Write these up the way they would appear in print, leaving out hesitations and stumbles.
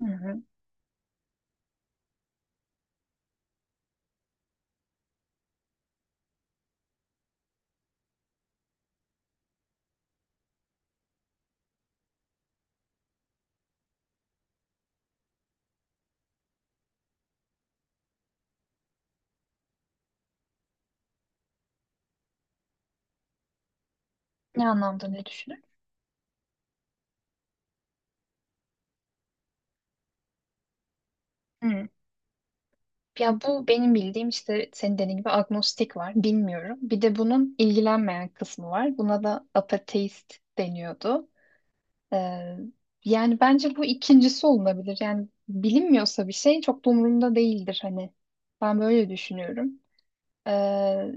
Hı hı. Ne anlamda ne düşünür? Hı. Ya bu benim bildiğim işte senin dediğin gibi agnostik var. Bilmiyorum. Bir de bunun ilgilenmeyen kısmı var. Buna da ateist deniyordu. Ee, Yani bence bu ikincisi olunabilir. Yani bilinmiyorsa bir şey çok da umurumda değildir hani. Ben böyle düşünüyorum. Ee,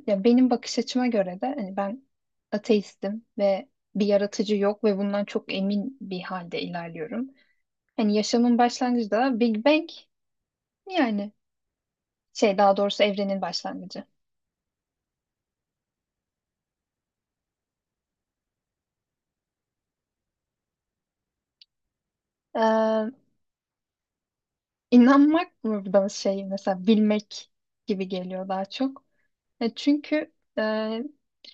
Ya benim bakış açıma göre de hani ben ateistim ve bir yaratıcı yok ve bundan çok emin bir halde ilerliyorum. Hani yaşamın başlangıcı da Big Bang, yani şey, daha doğrusu evrenin başlangıcı. Ee, inanmak burada şey mesela bilmek gibi geliyor daha çok. Çünkü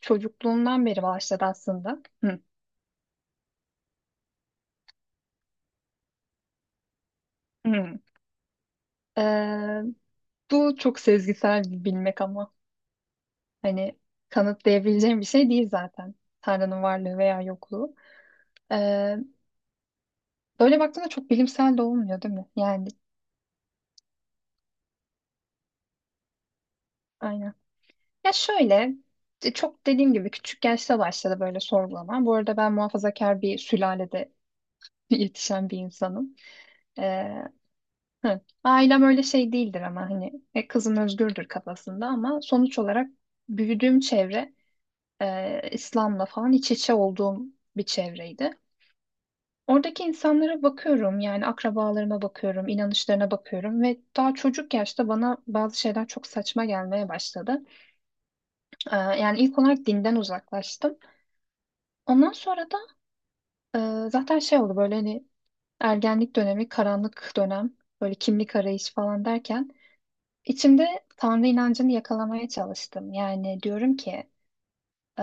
çocukluğumdan beri başladı aslında. Hı hı. Ee, Bu çok sezgisel bir bilmek, ama hani kanıtlayabileceğim bir şey değil zaten. Tanrı'nın varlığı veya yokluğu. Ee, Böyle baktığında çok bilimsel de olmuyor değil mi? Yani aynen. Ya şöyle, çok dediğim gibi küçük yaşta başladı böyle sorgulama. Bu arada ben muhafazakar bir sülalede yetişen bir insanım. Ee, hı. Ailem öyle şey değildir, ama hani kızın özgürdür kafasında, ama sonuç olarak büyüdüğüm çevre, İslam'la falan iç içe olduğum bir çevreydi. Oradaki insanlara bakıyorum, yani akrabalarıma bakıyorum, inanışlarına bakıyorum ve daha çocuk yaşta bana bazı şeyler çok saçma gelmeye başladı. Yani ilk olarak dinden uzaklaştım. Ondan sonra da zaten şey oldu, böyle hani ergenlik dönemi, karanlık dönem, böyle kimlik arayışı falan derken içimde Tanrı inancını yakalamaya çalıştım. Yani diyorum ki e,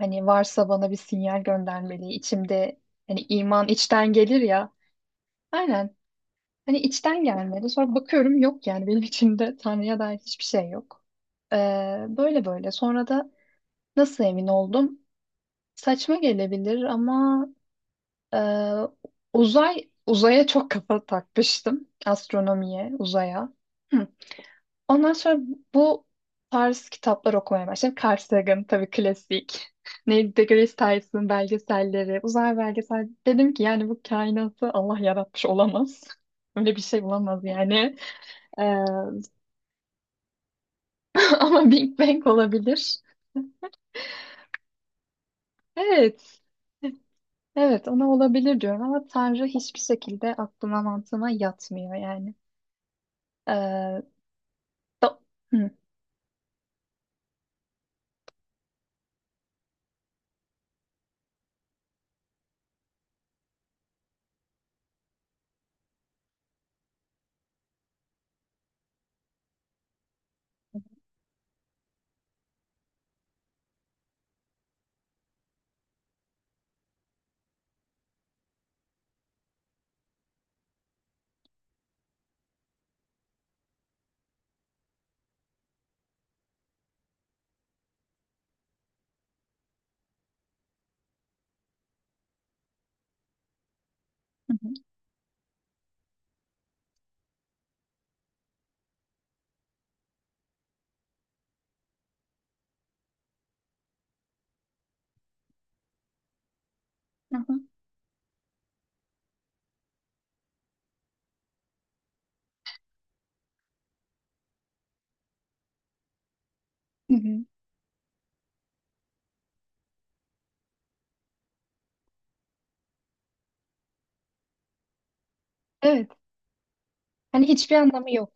hani varsa bana bir sinyal göndermeli. İçimde hani iman içten gelir ya. Aynen. Hani içten gelmedi. Sonra bakıyorum, yok yani benim içimde Tanrı'ya dair hiçbir şey yok. Ee, Böyle böyle. Sonra da nasıl emin oldum? Saçma gelebilir, ama Ee, uzay uzaya çok kafa takmıştım. Astronomiye, uzaya. Hı. Ondan sonra bu tarz kitaplar okumaya başladım. Carl Sagan tabii klasik. Neil deGrasse Tyson belgeselleri, uzay belgesel. Dedim ki yani bu kainatı Allah yaratmış olamaz. Öyle bir şey olamaz yani. Ee, ama Big Bang olabilir. Evet. Evet ona olabilir diyorum, ama Tanrı hiçbir şekilde aklıma mantığıma yatmıyor yani. Ee, da- Hı. Hı hı, hı hı hı. Evet. Hani hiçbir anlamı yok.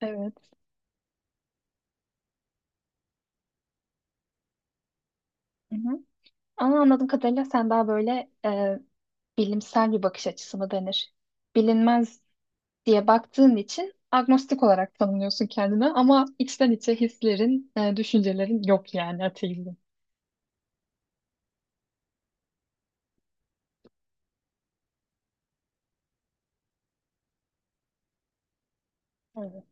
Evet. Hı hı. Ama anladığım kadarıyla sen daha böyle, bilimsel bir bakış açısı mı denir? Bilinmez diye baktığın için agnostik olarak tanımlıyorsun kendini, ama içten içe hislerin, düşüncelerin yok, yani ateizm. Evet.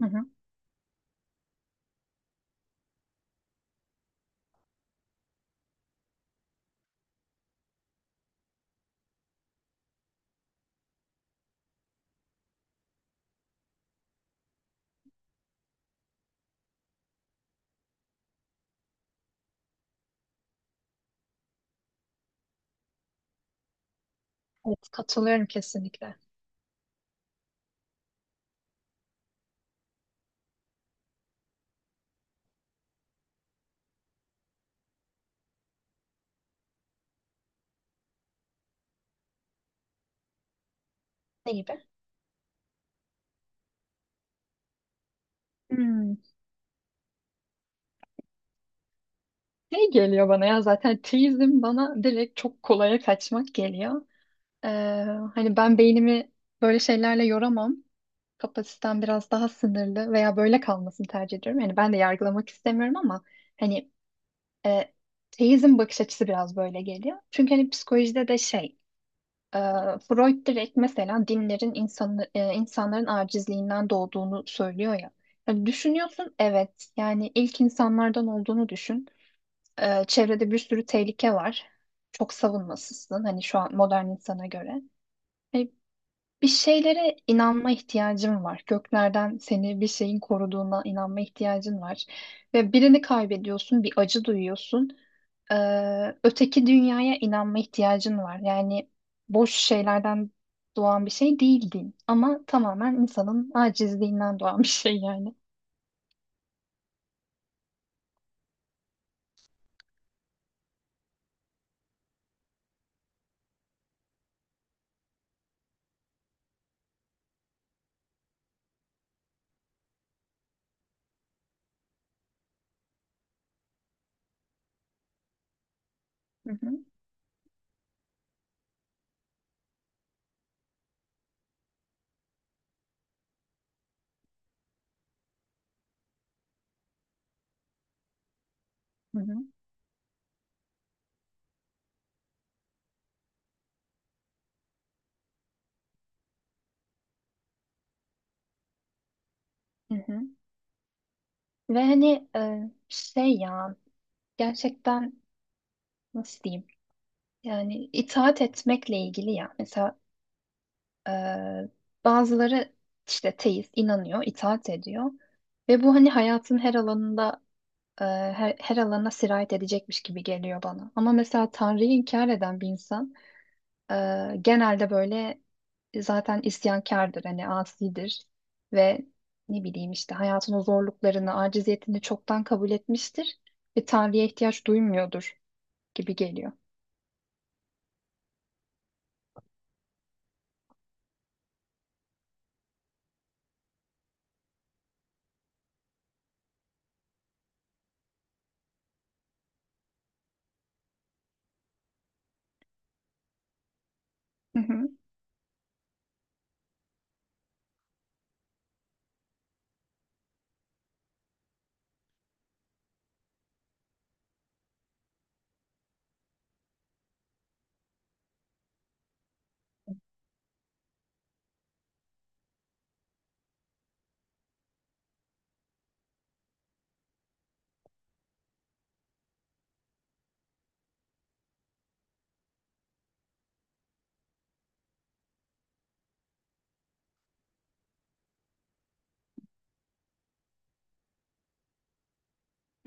Hı hı. Evet, katılıyorum kesinlikle. Ne gibi? Hmm. Şey geliyor bana, ya zaten teizm bana direkt çok kolaya kaçmak geliyor. Ee, Hani ben beynimi böyle şeylerle yoramam. Kapasitem biraz daha sınırlı veya böyle kalmasını tercih ediyorum. Yani ben de yargılamak istemiyorum, ama hani e, teizm bakış açısı biraz böyle geliyor. Çünkü hani psikolojide de e, Freud direkt mesela dinlerin insanların acizliğinden doğduğunu söylüyor ya. Yani düşünüyorsun, evet yani ilk insanlardan olduğunu düşün. Çevrede bir sürü tehlike var. Çok savunmasızsın hani şu an modern insana göre. Hani bir şeylere inanma ihtiyacın var. Göklerden seni bir şeyin koruduğuna inanma ihtiyacın var. Ve birini kaybediyorsun, bir acı duyuyorsun. Ee, Öteki dünyaya inanma ihtiyacın var. Yani boş şeylerden doğan bir şey değil din. Ama tamamen insanın acizliğinden doğan bir şey yani. Hı hı. Hı hı. Hı hı. Ve hani şey ya, gerçekten nasıl diyeyim, yani itaat etmekle ilgili ya, mesela e, bazıları işte teist inanıyor, itaat ediyor ve bu hani hayatın her alanında, her alana sirayet edecekmiş gibi geliyor bana, ama mesela Tanrı'yı inkar eden bir insan genelde böyle, zaten isyankardır, hani asidir ve ne bileyim işte hayatın o zorluklarını, aciziyetini çoktan kabul etmiştir ve Tanrı'ya ihtiyaç duymuyordur gibi geliyor. Hı hı.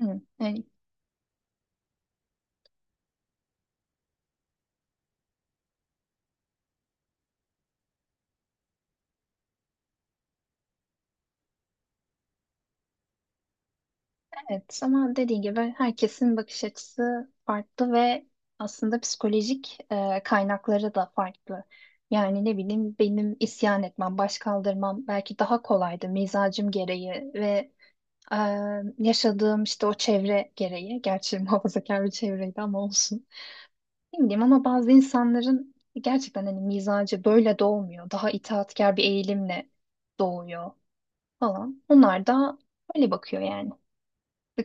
Hı. Yani. Evet, ama dediğin gibi herkesin bakış açısı farklı ve aslında psikolojik kaynakları da farklı. Yani ne bileyim, benim isyan etmem, baş kaldırmam belki daha kolaydı mizacım gereği ve e, yaşadığım işte o çevre gereği. Gerçi muhafazakar bir çevreydi, ama olsun. Ne bileyim, ama bazı insanların gerçekten hani mizacı böyle doğmuyor. Daha itaatkar bir eğilimle doğuyor falan. Onlar da öyle bakıyor, yani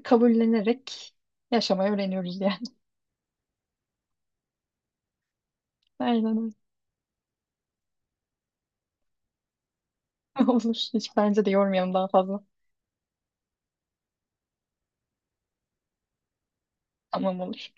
kabullenerek yaşamayı öğreniyoruz yani. Aynen öyle. Olur. Hiç bence de yormayalım daha fazla. Tamam, olur.